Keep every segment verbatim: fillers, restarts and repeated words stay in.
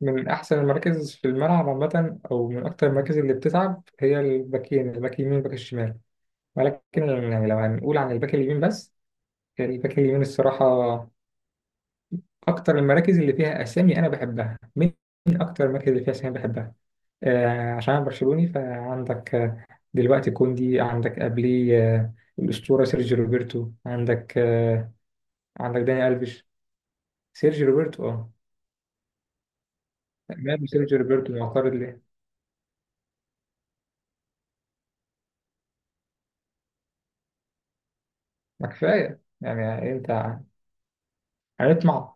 من أحسن المراكز في الملعب عامة أو من أكتر المراكز اللي بتتعب هي الباكين، الباك اليمين والباك الشمال. ولكن يعني لو هنقول عن الباك اليمين بس، يعني الباك اليمين الصراحة أكتر المراكز اللي فيها أسامي أنا بحبها. من أكتر المراكز اللي فيها أسامي بحبها آه، عشان أنا برشلوني، فعندك آه، دلوقتي كوندي، عندك قبليه آه الأسطورة سيرجيو روبرتو، عندك آه عندك داني ألفيش. سيرجيو روبرتو أه. ماله سيرجيو روبرتو معترض ليه؟ ما كفاية يعني أنت، هنطمع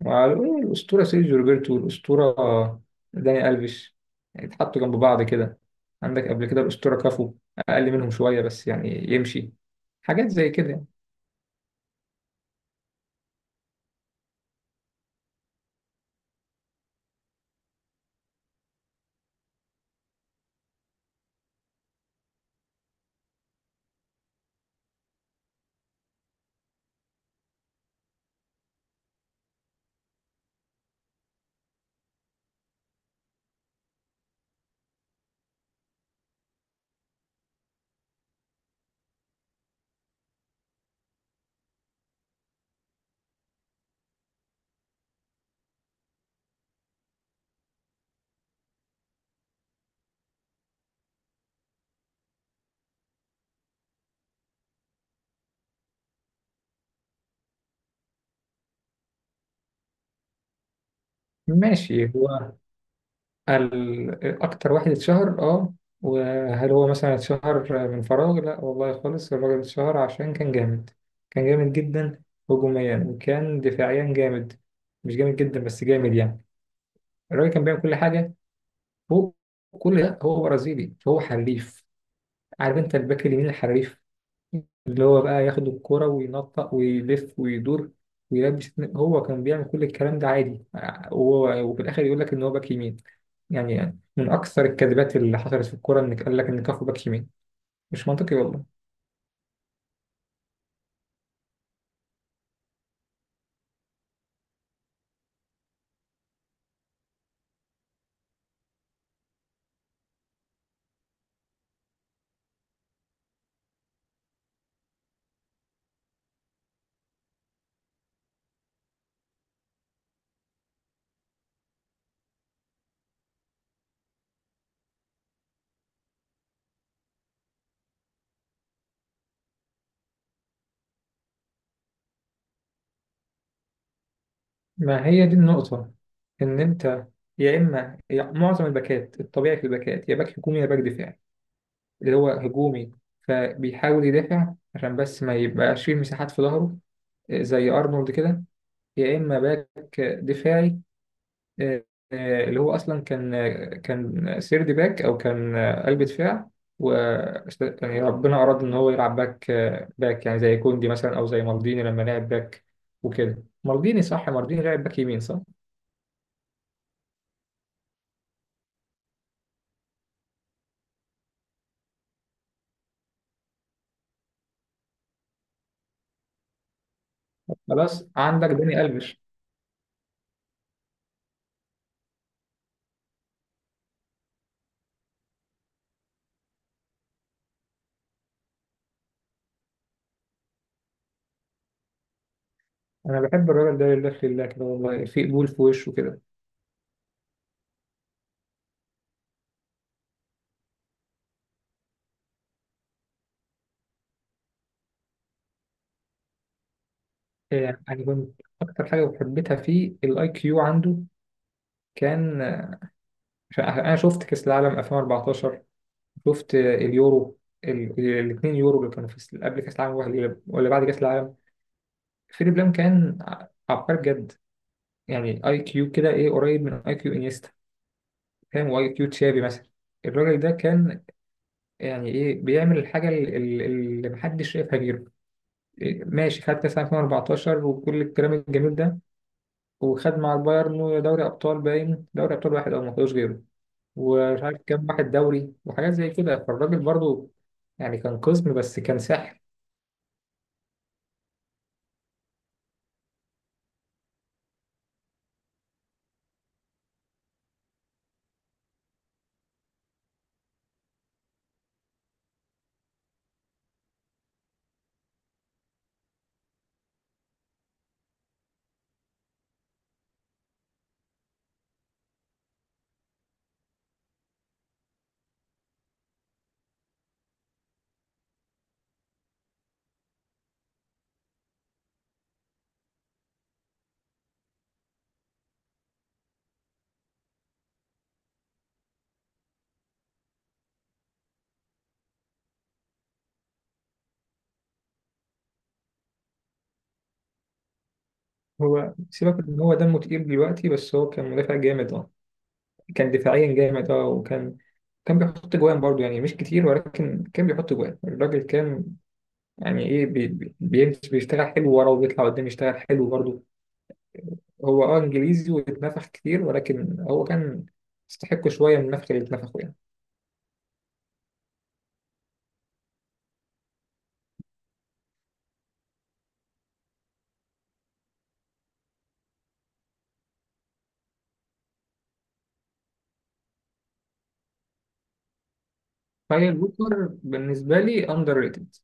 مع ال- الأسطورة سيرجيو روبرتو والأسطورة داني ألفيش؟ يعني اتحطوا جنب بعض كده. عندك قبل كده الأسطورة كافو، أقل منهم شوية بس يعني يمشي، حاجات زي كده يعني. ماشي، هو ال- أكتر واحد اتشهر أه. وهل هو مثلا اتشهر من فراغ؟ لا والله خالص، الراجل اتشهر عشان كان جامد. كان جامد جدا هجوميا، وكان دفاعيا جامد، مش جامد جدا بس جامد يعني. الراجل كان بيعمل كل حاجة. هو كل ده هو برازيلي فهو حريف. عارف انت الباك اليمين الحريف، اللي هو بقى ياخد الكرة وينطق ويلف ويدور ويلبس، هو كان بيعمل كل الكلام ده عادي. وهو وفي الاخر يقول لك ان هو باك يمين. يعني من اكثر الكذبات اللي حصلت في الكوره انك قال لك ان كافو باك يمين. مش منطقي والله. ما هي دي النقطه، ان انت يا اما يا- معظم الباكات الطبيعي في الباكات، يا باك هجومي يا باك دفاعي. اللي هو هجومي، فبيحاول يدافع عشان بس ما يبقاش فيه مساحات في ظهره، آه، زي ارنولد كده. يا اما باك دفاعي، آه، آه، اللي هو اصلا كان، كان سيرد باك او كان آه، قلب دفاع. و يعني ربنا اراد ان هو يلعب باك، آه، باك يعني زي كوندي مثلا او زي مالديني لما لعب باك وكده. مالديني صح؟ مالديني لعب باك يمين صح. خلاص عندك داني الفيش. انا بحب الراجل ده لله في الله كده، والله في قبول في وشه كده. آه، يعني كنت اكتر حاجه حبيتها فيه الاي كيو عنده. كان، عشان انا شفت كاس العالم ألفين وأربعتاشر، شفت اليورو، الاثنين يورو اللي كانوا في س- قبل كاس العالم ولا ولا بعد كاس العالم. فيليب لام كان ع- عبقري بجد. يعني اي كيو كده ايه، قريب من اي كيو انيستا، فاهم، واي كيو تشافي مثلا. الراجل ده كان يعني ايه، بيعمل الحاجه ال- ال- اللي محدش شايفها غيره. إيه، ماشي، خد كاس العالم ألفين وأربعتاشر وكل الكلام الجميل ده، وخد مع البايرن دوري ابطال باين، دوري ابطال واحد او ما خدوش غيره، ومش عارف كام واحد دوري وحاجات زي كده. فالراجل برضو يعني كان قزم بس كان ساحر. هو سيبك ان هو دمه تقيل دلوقتي، بس هو كان مدافع جامد اه. كان دفاعيا جامد اه، وكان، كان بيحط جوان برضه يعني مش كتير، ولكن كان بيحط جوان. الراجل كان يعني ايه، بي بي- بيمشي بيشتغل حلو ورا، وبيطلع قدام يشتغل حلو برضه. هو اه انجليزي واتنفخ كتير، ولكن هو كان يستحق شويه من النفخ اللي اتنفخه يعني. فهي الوتر بالنسبه لي اندر ريتد.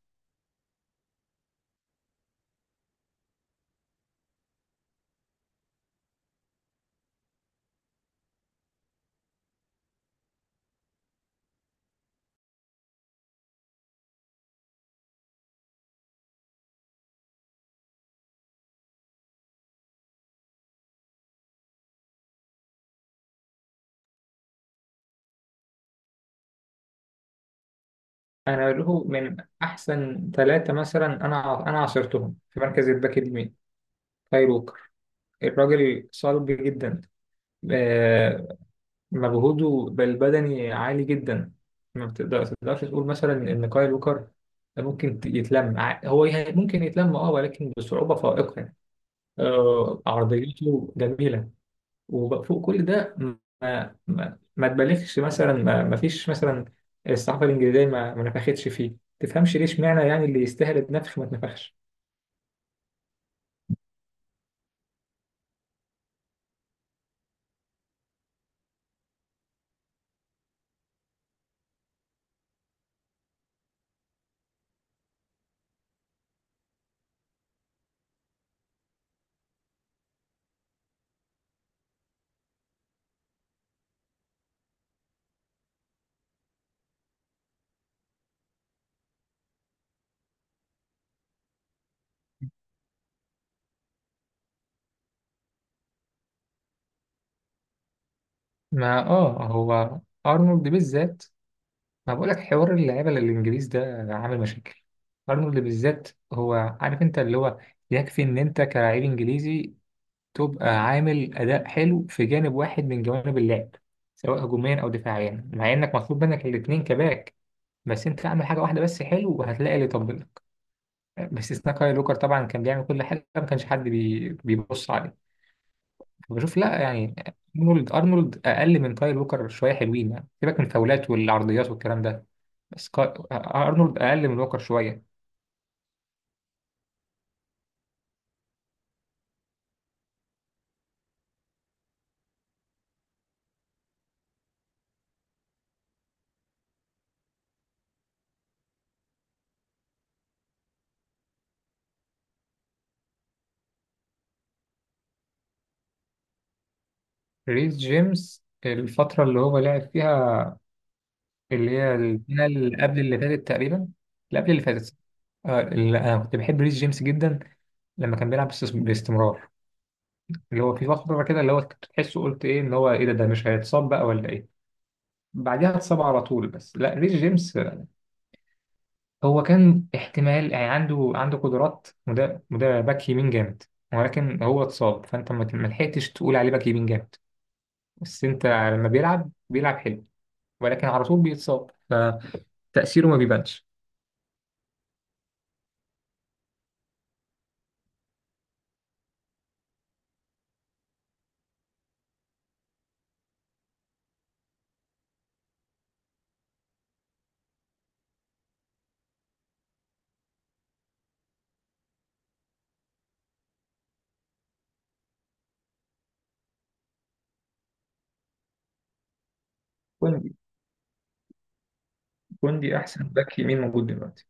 انا له من احسن ثلاثه مثلا انا انا عاصرتهم في مركز الباك اليمين، كاي ووكر. الراجل صلب جدا، آه، مجهوده البدني عالي جدا. ما بتقدر- تقدرش تقول مثلا ان كايل ووكر ممكن ت- يتلم ع- هو يه- ممكن يتلم اه، ولكن بصعوبة فائقة يعني. آه، عرضيته جميلة. وفوق كل ده، ما ما, ما تبالغش مثلا، ما, ما فيش مثلا، الصحافة الإنجليزية ما, ما نفختش فيه، تفهمش ليش معنى، يعني اللي يستاهل النفخ ما اتنفخش. ما اه هو ارنولد بالذات، ما بقولك حوار اللعيبة للإنجليز ده عامل مشاكل. أرنولد بالذات هو، عارف أنت اللي هو يكفي إن أنت كلاعب إنجليزي تبقى عامل أداء حلو في جانب واحد من جوانب اللعب، سواء هجوميا أو دفاعيا، مع إنك مطلوب منك الاتنين كباك. بس أنت اعمل حاجة واحدة بس حلو وهتلاقي اللي يطبلك. باستثناء كاي لوكر طبعا، كان بيعمل كل حاجة ما كانش حد بي... بيبص عليه. بشوف لا يعني، أرنولد أرنولد أقل من كاي لوكر شوية حلوين يعني، سيبك من الفاولات والعرضيات والكلام ده. سكاي ارنولد اقل من ووكر شويه. ريس جيمس الفتره اللي هو لعب فيها، اللي هي البناء اللي قبل اللي فاتت تقريبا، اللي قبل اللي فاتت، آه، اللي انا كنت بحب ريس جيمس جدا لما كان بيلعب باستس- باستمرار، اللي هو في فتره كده اللي هو كنت تحسه قلت ايه، اللي هو ايه ده، ده مش هيتصاب بقى ولا ايه. بعديها اتصاب على طول. بس لا، ريس جيمس آه، هو كان احتمال يعني، عنده عنده قدرات، وده وده باك يمين جامد، ولكن هو اتصاب، فانت ما ما لحقتش تقول عليه باك يمين جامد. بس انت لما بيلعب بيلعب حلو، ولكن على طول بيتصاب، فتأثيره ما بيبانش. كوندي. كوندي احسن باك يمين موجود دلوقتي.